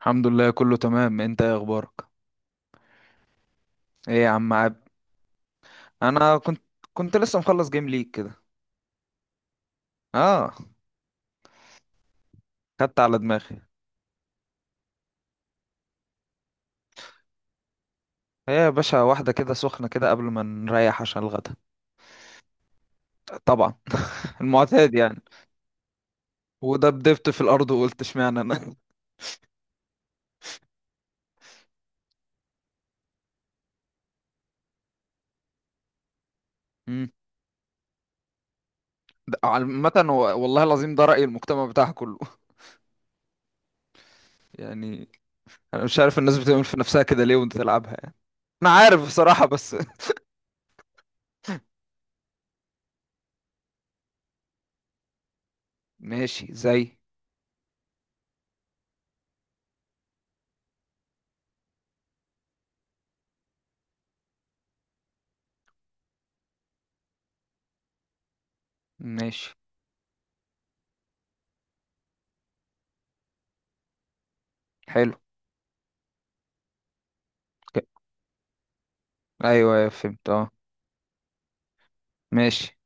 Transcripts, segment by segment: الحمد لله، كله تمام. انت ايه اخبارك؟ ايه يا عم عاب. انا كنت كنت لسه مخلص جيم ليج كده. اه. خدت على دماغي. ايه يا باشا، واحده كده سخنه كده قبل ما نريح عشان الغدا. طبعا. المعتاد يعني. ودبدبت في الارض وقلت اشمعنى انا. امم. ده عامه والله العظيم، ده راي المجتمع بتاعها كله. يعني. انا مش عارف الناس بتعمل في نفسها كده ليه وانت تلعبها يعني. انا عارف بصراحه بس. ماشي زي. ماشي. حلو. ك- ايوه أيوة، فهمت اه. ماشي.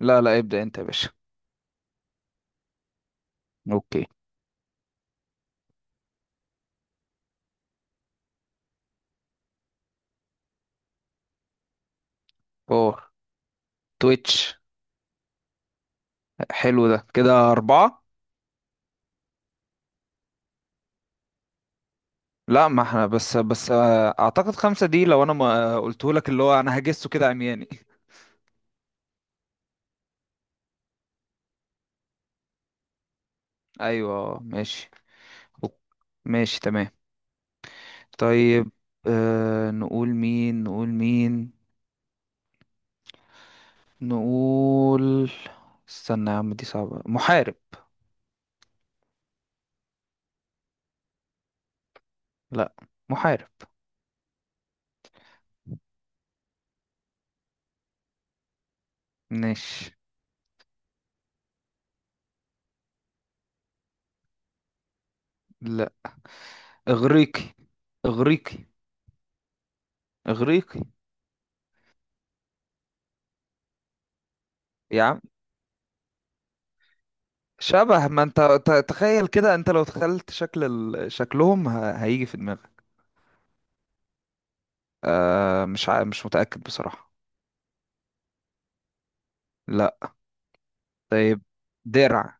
لا لا، ابدأ انت يا باشا. اوكي. فور. تويتش. حلو، ده كده 4. لا، ما احنا بس أعتقد 5 دي لو أنا ما قلته لك، اللي هو أنا هجسه كده عمياني. أيوة اه، ماشي. أوك- ماشي تمام. طيب. نقول مين، نقول مين. نقول. استنى يا عم، دي صعبة. محارب. لا. محارب. ماشي. لا. إغريقي. إغريقي. إغريقي. يا عم، شبه، ما انت تخيل كده، انت لو تخيلت شكل شكلهم هيجي في دماغك. مش متأكد بصراحة. لا. طيب. درع.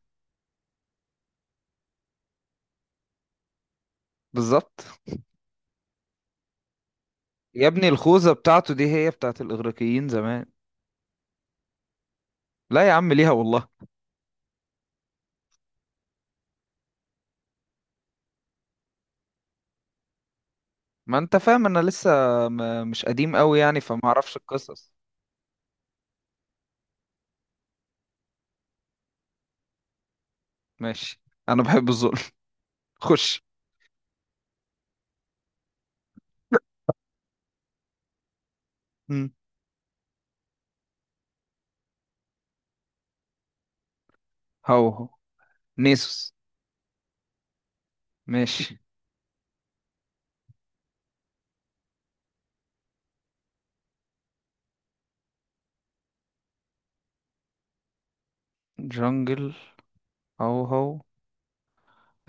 بالظبط. يا ابني، الخوذة بتاعته دي هي بتاعت الإغريقيين زمان. لا يا عم، ليها والله. ما انت فاهم، انا لسه مش قديم قوي يعني فما اعرفش القصص. ماشي. انا بحب الظلم. خش. مم. هو هو. نيسوس. ماشي. جنجل. هو هو.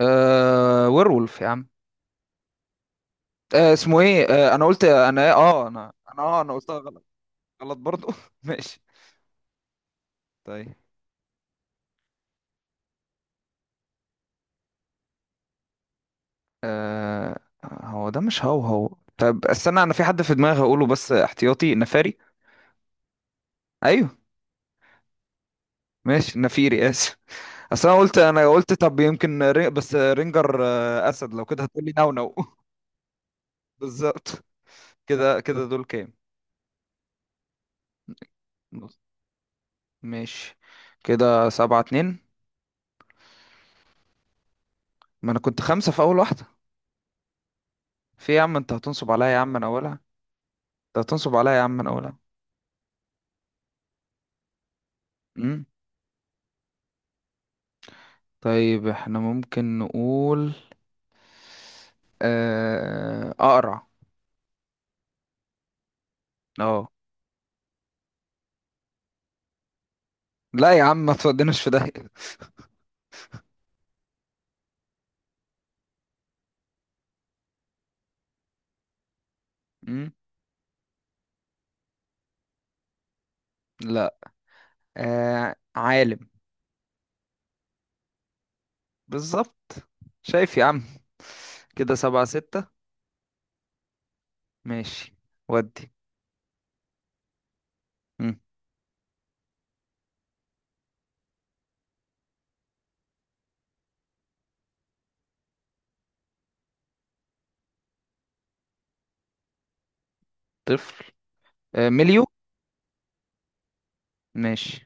ويرولف يا عم. اسمه ايه؟ انا قلت انا ايه اه انا قلتها غلط. غلط برضو. ماشي. طيب. آه هو ده مش هو هو. طب استنى، انا في حد في دماغي هقوله بس احتياطي نفاري. ايوه. ماشي نفيري اسف. اصل انا قلت انا قلت طب يمكن بس رينجر اسد، لو كده هتقولي نو نو. بالظبط. كده كده دول كام. نص. ماشي. كده 7-2. ما انا كنت 5 في اول واحدة. في إيه يا عم؟ انت هتنصب عليا يا عم من اولها. انت هتنصب عليا يا عم من اولها. امم. طيب، احنا ممكن نقول اقرع. اه. لا يا عم، ما تودناش في ده. مم؟ لا. عالم. بالظبط. شايف يا عم، كده 7-6. ماشي. ودي. مم. طفل. مليو. ماشي.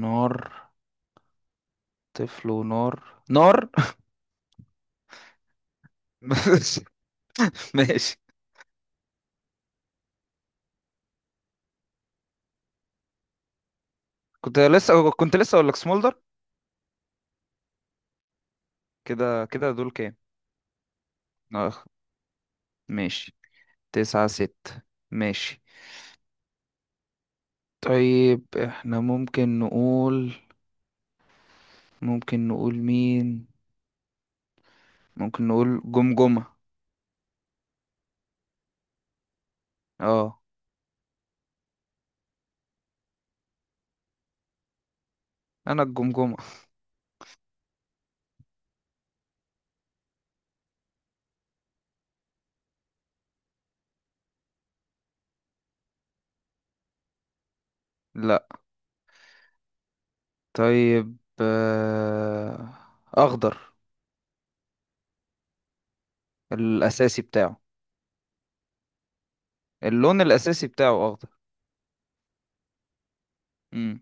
نار. طفل ونار. نار. ماشي. ماشي. كنت لسه اقول لك سمولدر. كده كده دول كام. اه. ماشي. 9-6. ماشي. طيب، احنا ممكن نقول. ممكن نقول مين. ممكن نقول جمجمة. اه. انا الجمجمة. لا. طيب، اخضر. الاساسي بتاعه اللون الاساسي بتاعه اخضر. مم.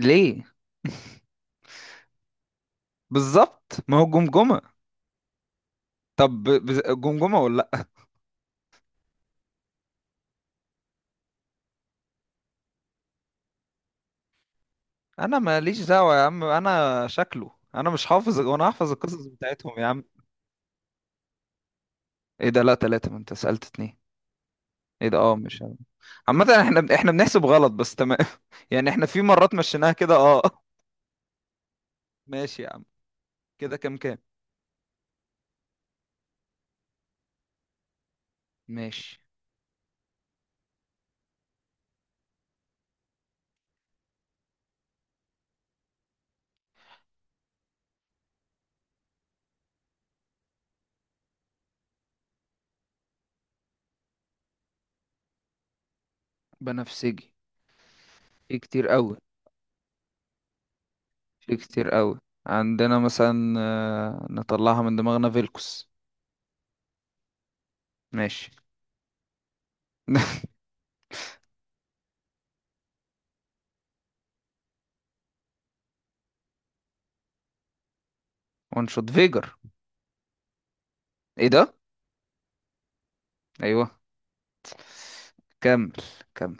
ليه؟ بالظبط، ما هو جمجمة. طب جمجمة ولا لا. انا ماليش دعوة يا عم، انا شكله، انا مش حافظ، وانا هحفظ القصص بتاعتهم يا عم. ايه ده؟ لا 3، ما انت سألت 2. ايه ده اه، مش. عامة احنا بنحسب غلط بس تمام. يعني احنا في مرات مشيناها كده اه. ماشي يا عم. كده كام كام؟ ماشي. بنفسجي. في كتير قوي. في كتير قوي. عندنا مثلا، نطلعها من دماغنا، فيلكوس. ماشي. ونشوط فيجر. ايه ده؟ ايوه. كمل. كمل.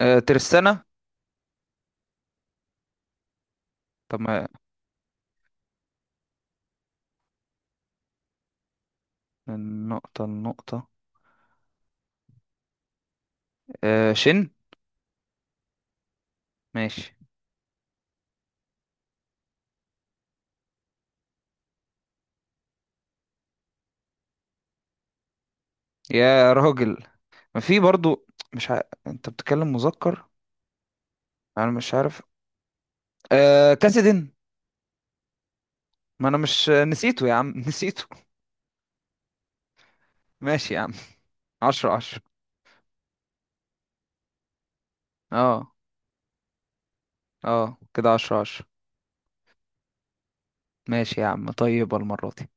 ترسانة. طب ما، من نقطة لنقطة. شن. ماشي. يا راجل، ما في برضو، مش ع... انت بتتكلم مذكر. انا مش عارف. كاسدين. ما انا مش نسيته يا عم، نسيته. ماشي يا عم. 10-10. اه اه، كده 10-10. ماشي يا عم. طيبة المرة دي.